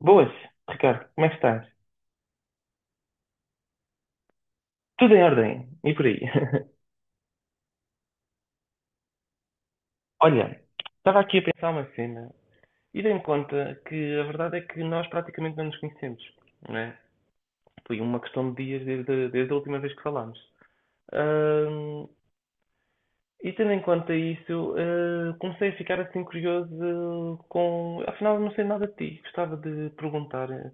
Boas, Ricardo, como é que estás? Tudo em ordem, e por aí? Olha, estava aqui a pensar uma cena e dei-me conta que a verdade é que nós praticamente não nos conhecemos, não é? Foi uma questão de dias desde a última vez que falámos. E tendo em conta isso, comecei a ficar assim curioso eh, com. Afinal, eu não sei nada de ti. Gostava de perguntar,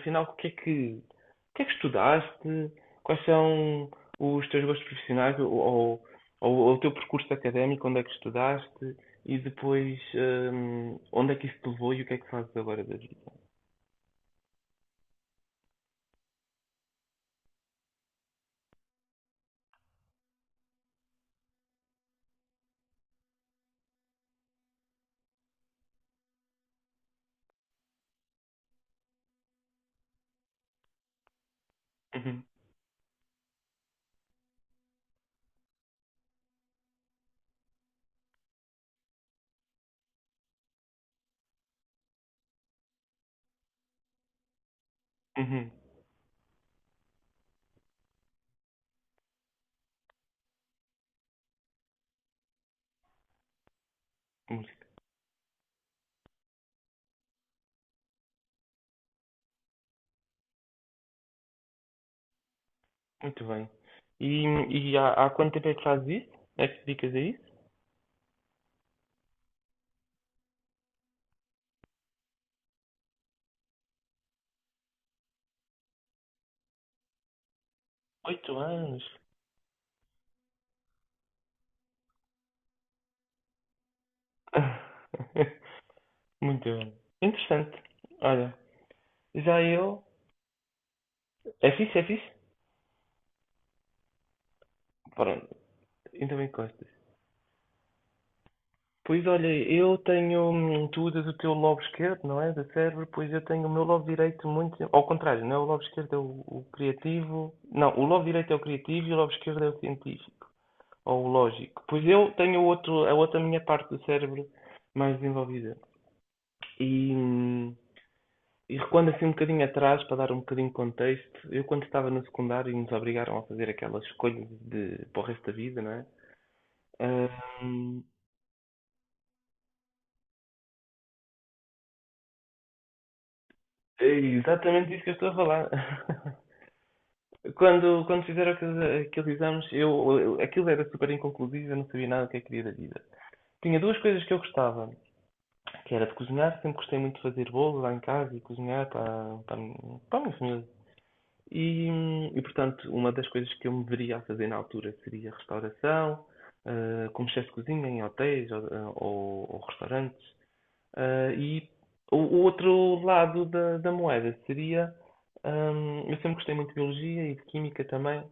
afinal, o que é que estudaste? Quais são os teus gostos profissionais ou o teu percurso académico? Onde é que estudaste? E depois, onde é que isso te levou e o que é que fazes agora da vida? Uhum, uhum. Música. Muito bem. E, há quanto tempo é que fazes isso? É que te dedicas a isso? 8 anos. Muito bem. Interessante. Olha, já eu. É fixe, é fixe? Pronto, então encostas. Pois olha, eu tenho. Tu usas o teu lobo esquerdo, não é? Do cérebro, pois eu tenho o meu lobo direito muito. Ao contrário, não é o lobo esquerdo, é o criativo. Não, o lobo direito é o criativo e o lobo esquerdo é o científico. Ou o lógico. Pois eu tenho o outro, a outra minha parte do cérebro mais desenvolvida. E, e recuando assim um bocadinho atrás, para dar um bocadinho de contexto, eu quando estava no secundário e nos obrigaram a fazer aquela escolha de, para o resto da vida, não é? Ahm, é exatamente isso que eu estou a falar. Quando fizeram aqueles exames, aquilo era super inconclusivo, eu não sabia nada do que é queria da vida. Tinha duas coisas que eu gostava, que era de cozinhar, sempre gostei muito de fazer bolo lá em casa e cozinhar a para a minha família. E, portanto, uma das coisas que eu me veria a fazer na altura seria restauração, ah, como chefe de cozinha em hotéis ou, ou restaurantes. Ah, e o outro lado da, da moeda seria, eu sempre gostei muito de biologia e de química também,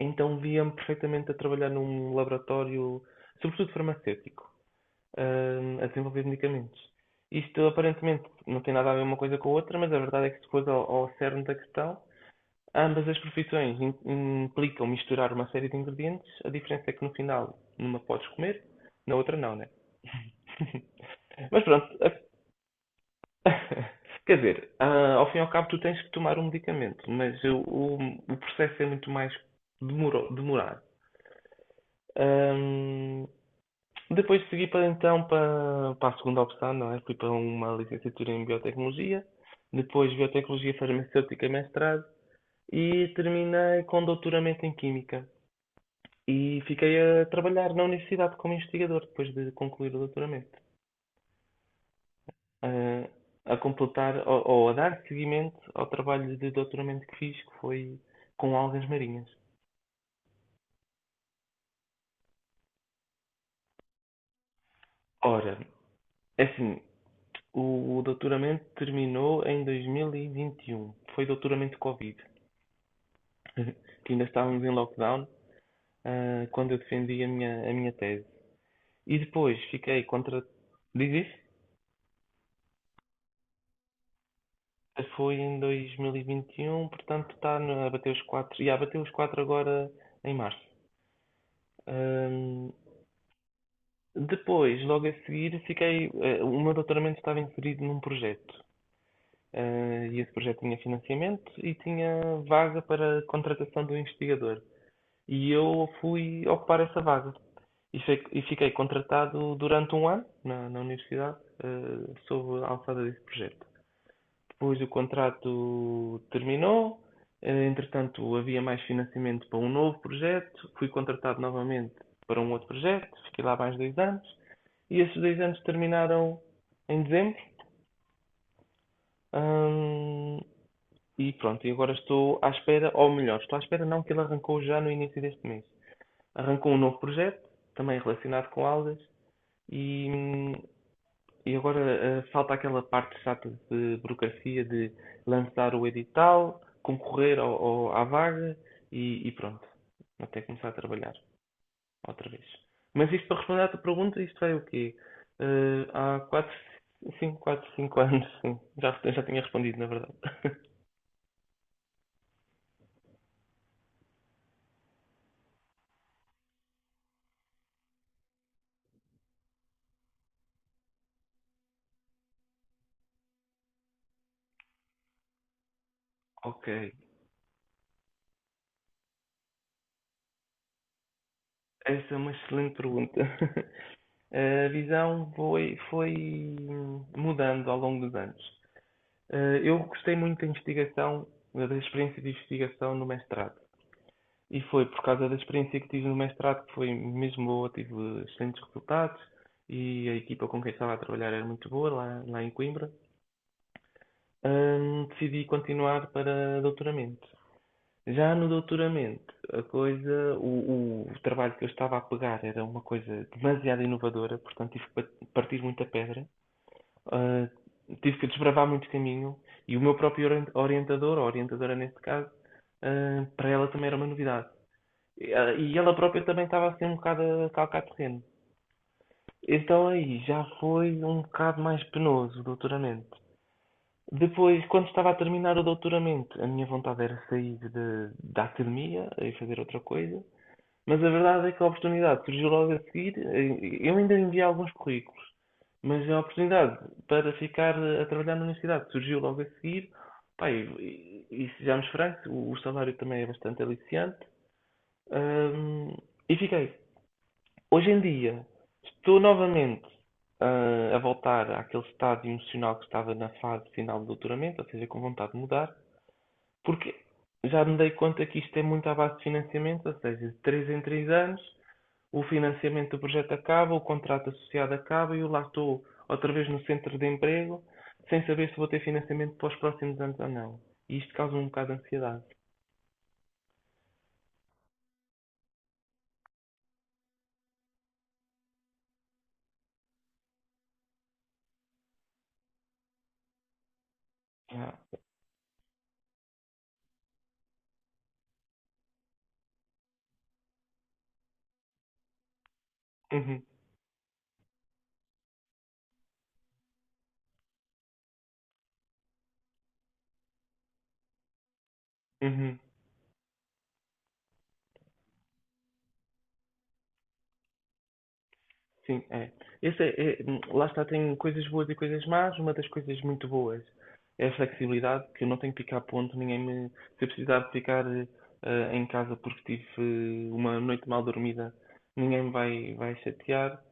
então via-me perfeitamente a trabalhar num laboratório, sobretudo farmacêutico, a desenvolver medicamentos. Isto aparentemente não tem nada a ver uma coisa com a outra, mas a verdade é que se fores ao cerne da questão, ambas as profissões implicam misturar uma série de ingredientes, a diferença é que no final, numa podes comer, na outra não, né? Mas pronto, a- quer dizer, ah, ao fim e ao cabo tu tens que tomar um medicamento, mas o processo é muito mais demorado. Ahm, Depois segui para então para a segunda opção, não é? Fui para uma licenciatura em biotecnologia, depois biotecnologia farmacêutica e mestrado, e terminei com doutoramento em química. E fiquei a trabalhar na universidade como investigador depois de concluir o doutoramento, eh, a completar ou a dar seguimento ao trabalho de doutoramento que fiz, que foi com algas marinhas. Ora, é assim, o doutoramento terminou em 2021. Foi doutoramento Covid, que ainda estávamos em lockdown, quando eu defendi a minha tese. E depois fiquei contra. Diz isso? Foi em 2021, portanto está no- a bater os 4. Já bateu os 4 agora em março. Ahm, Depois, logo a seguir, fiquei, eh, o meu doutoramento estava inserido num projeto. Ah, e esse projeto tinha financiamento e tinha vaga para contratação do investigador. E eu fui ocupar essa vaga. E, e fiquei contratado durante 1 ano na universidade, sob a alçada desse projeto. Pois o contrato terminou, entretanto havia mais financiamento para um novo projeto, fui contratado novamente para um outro projeto, fiquei lá mais 2 anos e esses 2 anos terminaram em dezembro. hum, e pronto, e agora estou à espera, ou melhor, estou à espera não, que ele arrancou já no início deste mês. Arrancou um novo projeto, também relacionado com aulas, e, e agora falta aquela parte chata de burocracia de lançar o edital, concorrer à vaga e pronto, até começar a trabalhar outra vez. Mas isto para responder à tua pergunta, isto é o quê? Há 4, 5 anos, sim. Já tinha respondido, na verdade. Ok, essa é uma excelente pergunta. A visão foi mudando ao longo dos anos. Eu gostei muito da investigação, da experiência de investigação no mestrado. E foi por causa da experiência que tive no mestrado que foi mesmo boa, tive excelentes resultados e a equipa com quem estava a trabalhar era muito boa lá, lá em Coimbra. Decidi continuar para doutoramento. Já no doutoramento, a coisa, o trabalho que eu estava a pegar era uma coisa demasiado inovadora, portanto tive que partir muita pedra, ah, tive que desbravar muito caminho e o meu próprio orientador, ou orientadora neste caso, ah, para ela também era uma novidade. E ah, e ela própria também estava assim um bocado a calcar terreno. Então aí já foi um bocado mais penoso o doutoramento. Depois, quando estava a terminar o doutoramento, a minha vontade era sair da academia e fazer outra coisa. Mas a verdade é que a oportunidade surgiu logo a seguir. Eu ainda enviei alguns currículos, mas a oportunidade para ficar a trabalhar na universidade surgiu logo a seguir. Pá, e, e sejamos francos, o salário também é bastante aliciante. Ahm, e fiquei. Hoje em dia, estou novamente ah, a voltar àquele estado emocional que estava na fase final do doutoramento, ou seja, com vontade de mudar, porque já me dei conta que isto é muito à base de financiamento, ou seja, de 3 em 3 anos. O financiamento do projeto acaba, o contrato associado acaba e eu lá estou outra vez no centro de emprego, sem saber se vou ter financiamento para os próximos anos ou não. E isto causa um bocado de ansiedade. Ah, uhum, uhum, sim, é. Esse é- é- lá está, tem coisas boas e coisas más. Uma das coisas muito boas é a flexibilidade, que eu não tenho que ficar a ponto, ninguém me. Se eu precisar de ficar em casa porque tive uma noite mal dormida, ninguém me vai chatear.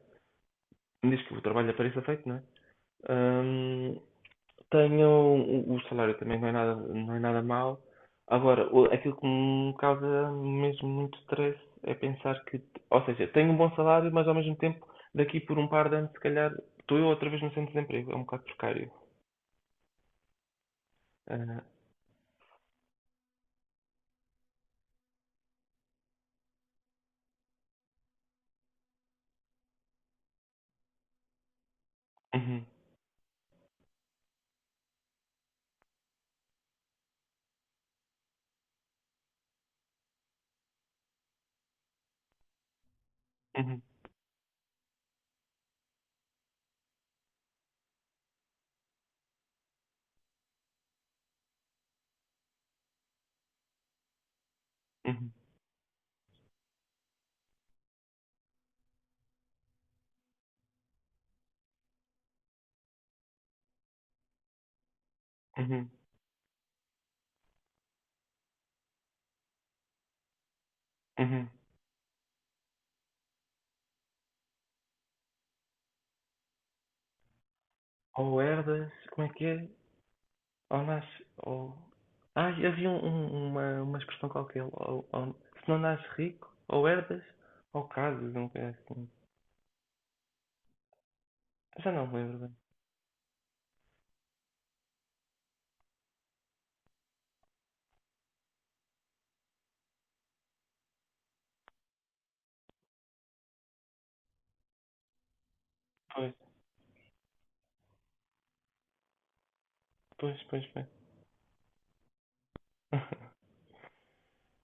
Diz que o trabalho apareça feito, não é? Hum, Tenho o salário também não é nada, não é nada mau. Agora, o- aquilo que me causa mesmo muito stress é pensar que, ou seja, tenho um bom salário, mas ao mesmo tempo, daqui por um par de anos, se calhar, estou eu outra vez no centro de desemprego. É um bocado precário. Ah, uhum, uhum, uhum, uhum, uhum. Ou herdas, como é que é? Ou nasce, ou... ah, havia um- um- uma expressão qualquer. Ou- se não nasces rico, ou herdas, ou casas, não é assim. Já não me lembro bem. Pois, pois, pois, bem.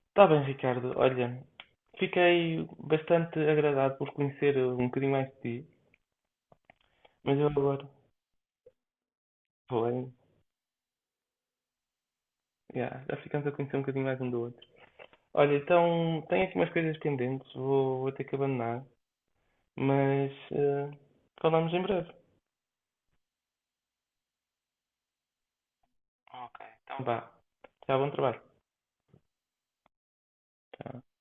Está bem, Ricardo. Olha, fiquei bastante agradado por conhecer um bocadinho mais de ti, mas eu agora vou em. Yeah, já ficamos a conhecer um bocadinho mais um do outro. Olha, então tenho aqui umas coisas pendentes, vou ter que abandonar, mas falamos em breve. Então vá, já bom trabalho. Tchau.